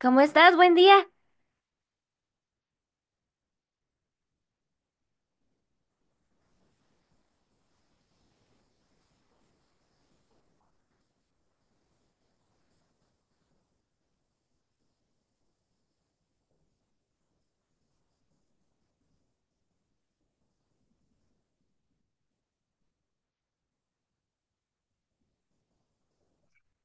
¿Cómo estás? Buen día.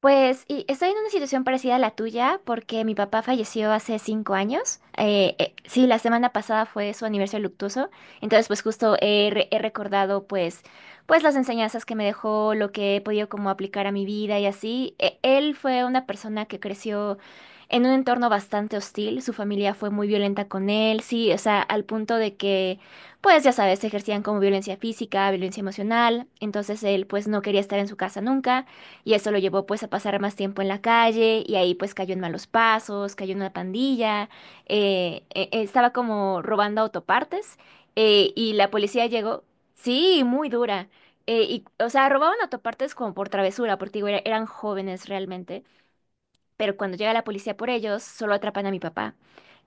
Pues y estoy en una situación parecida a la tuya porque mi papá falleció hace 5 años. Sí, la semana pasada fue su aniversario luctuoso. Entonces, pues justo he recordado pues las enseñanzas que me dejó, lo que he podido como aplicar a mi vida y así. Él fue una persona que creció en un entorno bastante hostil. Su familia fue muy violenta con él, sí, o sea, al punto de que, pues ya sabes, ejercían como violencia física, violencia emocional. Entonces él pues no quería estar en su casa nunca. Y eso lo llevó pues a pasar más tiempo en la calle y ahí pues cayó en malos pasos, cayó en una pandilla, estaba como robando autopartes, y la policía llegó, sí, muy dura. Y, o sea, robaban autopartes como por travesura, porque digo, eran jóvenes realmente, pero cuando llega la policía por ellos, solo atrapan a mi papá.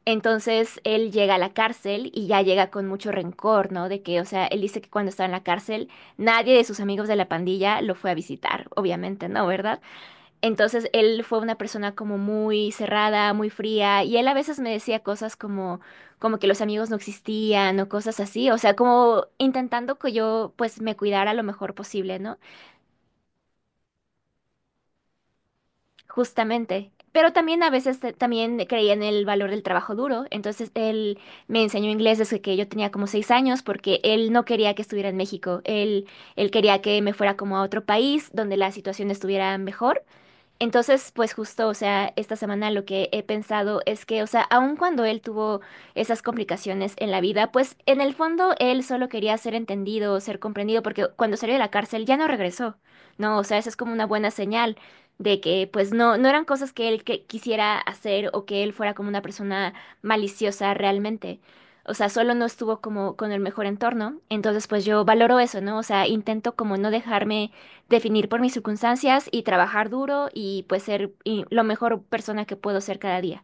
Entonces él llega a la cárcel y ya llega con mucho rencor, ¿no? De que, o sea, él dice que cuando estaba en la cárcel, nadie de sus amigos de la pandilla lo fue a visitar, obviamente, ¿no? ¿Verdad? Entonces él fue una persona como muy cerrada, muy fría, y él a veces me decía cosas como, como que los amigos no existían o cosas así, o sea, como intentando que yo pues me cuidara lo mejor posible, ¿no? Justamente. Pero también a veces también creía en el valor del trabajo duro, entonces él me enseñó inglés desde que yo tenía como 6 años porque él no quería que estuviera en México, él quería que me fuera como a otro país donde la situación estuviera mejor. Entonces, pues justo, o sea, esta semana lo que he pensado es que, o sea, aun cuando él tuvo esas complicaciones en la vida, pues en el fondo él solo quería ser entendido, ser comprendido, porque cuando salió de la cárcel ya no regresó, ¿no? O sea, esa es como una buena señal de que, pues no, no eran cosas que él quisiera hacer o que él fuera como una persona maliciosa realmente. O sea, solo no estuvo como con el mejor entorno. Entonces, pues yo valoro eso, ¿no? O sea, intento como no dejarme definir por mis circunstancias y trabajar duro y pues ser y, lo mejor persona que puedo ser cada día.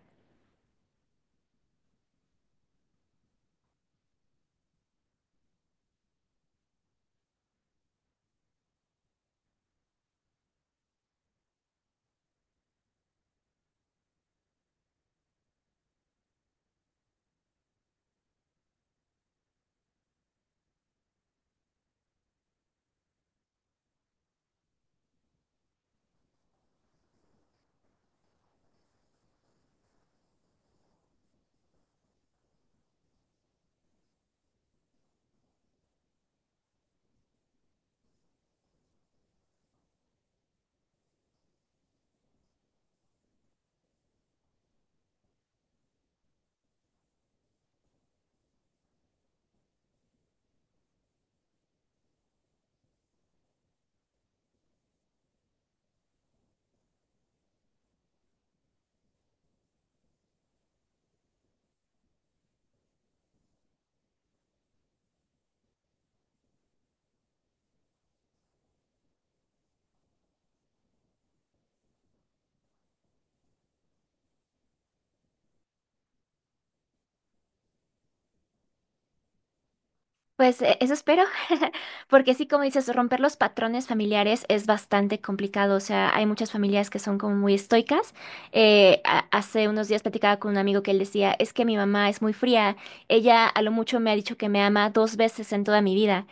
Pues eso espero, porque sí, como dices, romper los patrones familiares es bastante complicado. O sea, hay muchas familias que son como muy estoicas. Hace unos días platicaba con un amigo que él decía, es que mi mamá es muy fría. Ella a lo mucho me ha dicho que me ama dos veces en toda mi vida.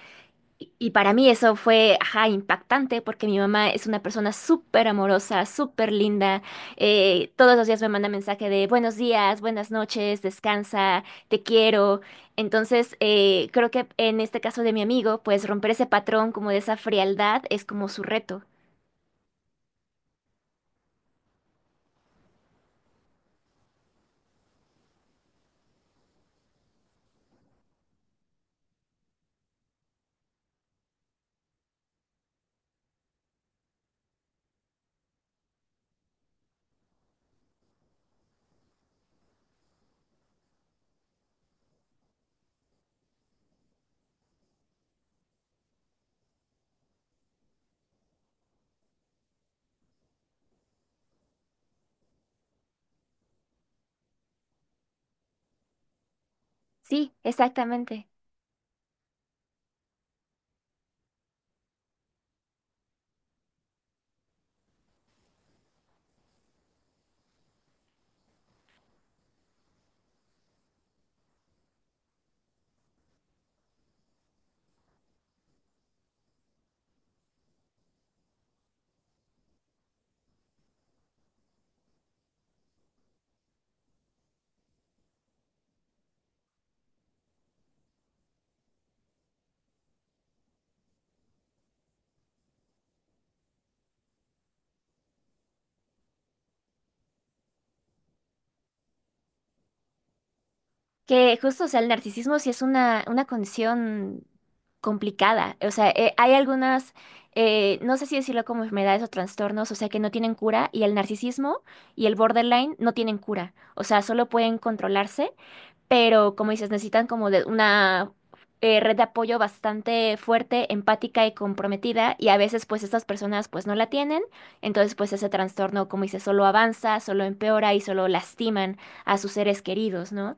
Y para mí eso fue, ajá, impactante porque mi mamá es una persona súper amorosa, súper linda. Todos los días me manda mensaje de buenos días, buenas noches, descansa, te quiero. Entonces, creo que en este caso de mi amigo, pues romper ese patrón como de esa frialdad es como su reto. Sí, exactamente. Que justo, o sea, el narcisismo sí es una condición complicada. O sea, hay algunas, no sé si decirlo como enfermedades o trastornos, o sea, que no tienen cura y el narcisismo y el borderline no tienen cura. O sea, solo pueden controlarse, pero como dices, necesitan como de una red de apoyo bastante fuerte, empática y comprometida y a veces pues estas personas pues no la tienen. Entonces pues ese trastorno, como dices, solo avanza, solo empeora y solo lastiman a sus seres queridos, ¿no?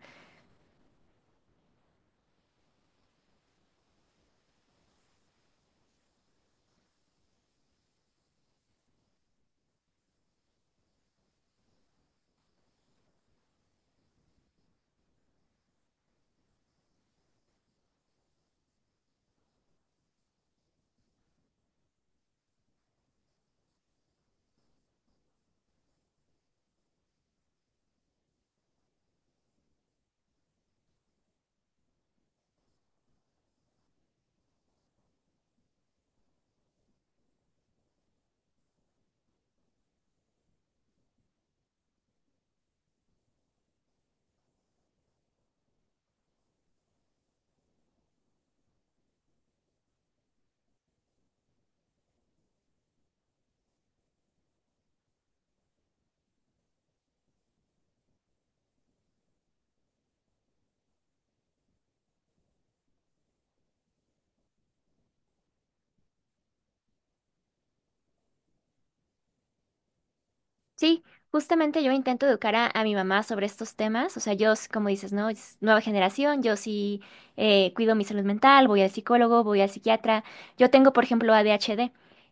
Sí, justamente yo intento educar a, mi mamá sobre estos temas, o sea, yo, como dices, ¿no? Es nueva generación, yo sí cuido mi salud mental, voy al psicólogo, voy al psiquiatra, yo tengo, por ejemplo, ADHD,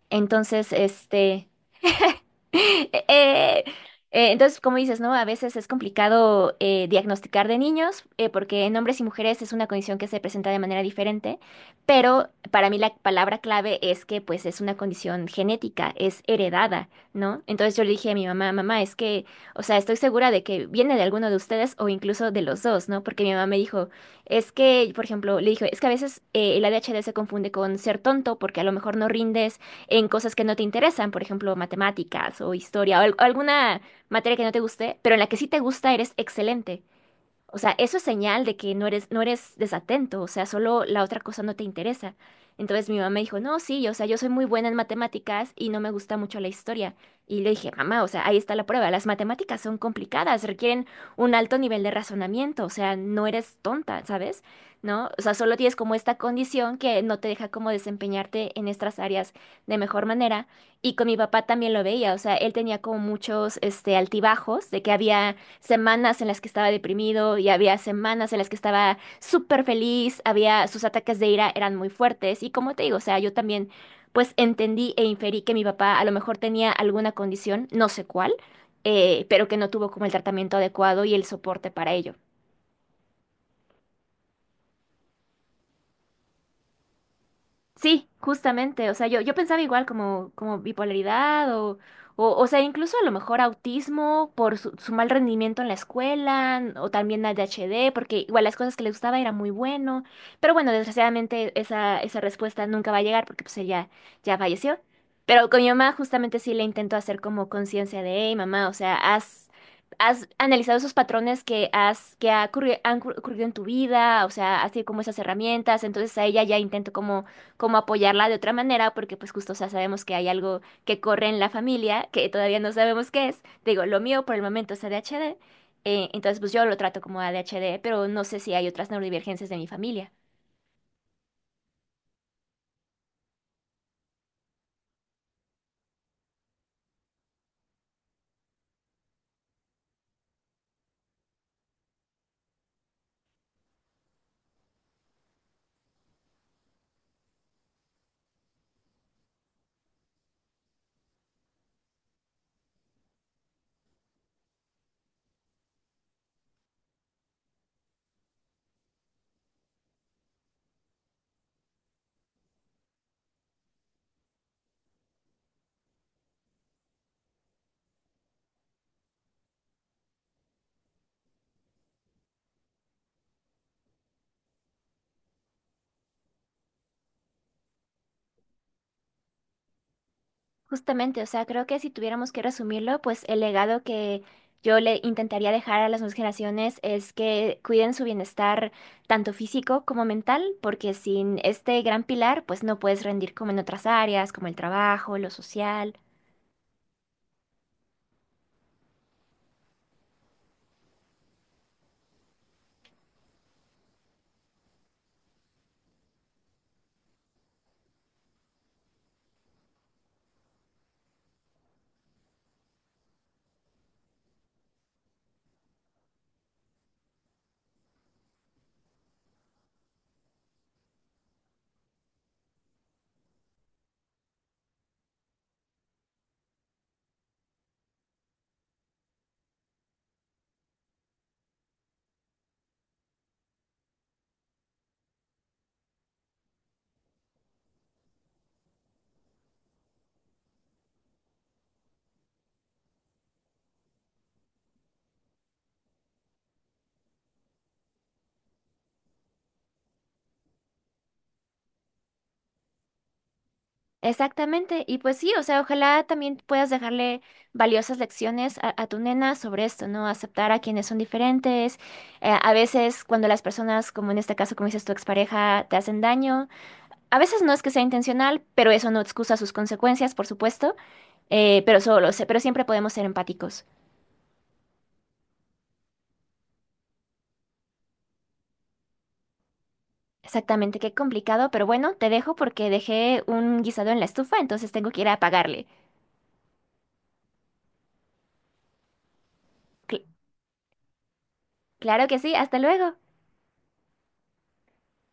entonces, Eh, entonces, como dices, ¿no? A veces es complicado diagnosticar de niños, porque en hombres y mujeres es una condición que se presenta de manera diferente, pero para mí la palabra clave es que pues es una condición genética, es heredada, ¿no? Entonces yo le dije a mi mamá, mamá, es que, o sea, estoy segura de que viene de alguno de ustedes o incluso de los dos, ¿no? Porque mi mamá me dijo, es que, por ejemplo, le dijo, es que a veces el ADHD se confunde con ser tonto porque a lo mejor no rindes en cosas que no te interesan, por ejemplo, matemáticas o historia o alguna materia que no te guste, pero en la que sí te gusta eres excelente. O sea, eso es señal de que no eres, no eres desatento, o sea, solo la otra cosa no te interesa. Entonces mi mamá me dijo, no, sí, o sea, yo soy muy buena en matemáticas y no me gusta mucho la historia. Y le dije, mamá, o sea, ahí está la prueba, las matemáticas son complicadas, requieren un alto nivel de razonamiento, o sea, no eres tonta, ¿sabes? ¿No? O sea, solo tienes como esta condición que no te deja como desempeñarte en estas áreas de mejor manera. Y con mi papá también lo veía, o sea, él tenía como muchos, altibajos de que había semanas en las que estaba deprimido y había semanas en las que estaba súper feliz, había sus ataques de ira eran muy fuertes y como te digo, o sea, yo también pues entendí e inferí que mi papá a lo mejor tenía alguna condición, no sé cuál, pero que no tuvo como el tratamiento adecuado y el soporte para ello. Sí, justamente, o sea, yo pensaba igual como, como bipolaridad o, o sea, incluso a lo mejor autismo por su mal rendimiento en la escuela n- o también ADHD, porque igual las cosas que le gustaba era muy bueno, pero bueno, desgraciadamente esa respuesta nunca va a llegar porque pues ella ya falleció, pero con mi mamá justamente sí le intento hacer como conciencia de, hey, mamá, o sea, ¿Has analizado esos patrones que has que ha han ocurrido en tu vida? O sea, así como esas herramientas. Entonces a ella ya intento como apoyarla de otra manera, porque pues justo, o sea, sabemos que hay algo que corre en la familia, que todavía no sabemos qué es. Te digo, lo mío por el momento es ADHD, entonces pues yo lo trato como ADHD, pero no sé si hay otras neurodivergencias de mi familia. Justamente, o sea, creo que si tuviéramos que resumirlo, pues el legado que yo le intentaría dejar a las nuevas generaciones es que cuiden su bienestar tanto físico como mental, porque sin este gran pilar, pues no puedes rendir como en otras áreas, como el trabajo, lo social. Exactamente, y pues sí, o sea, ojalá también puedas dejarle valiosas lecciones a, tu nena sobre esto, ¿no? Aceptar a quienes son diferentes. A veces cuando las personas, como en este caso, como dices, tu expareja, te hacen daño, a veces no es que sea intencional, pero eso no excusa sus consecuencias, por supuesto, pero solo, pero siempre podemos ser empáticos. Exactamente, qué complicado, pero bueno, te dejo porque dejé un guisado en la estufa, entonces tengo que ir a apagarle. Cl- claro que sí, hasta luego.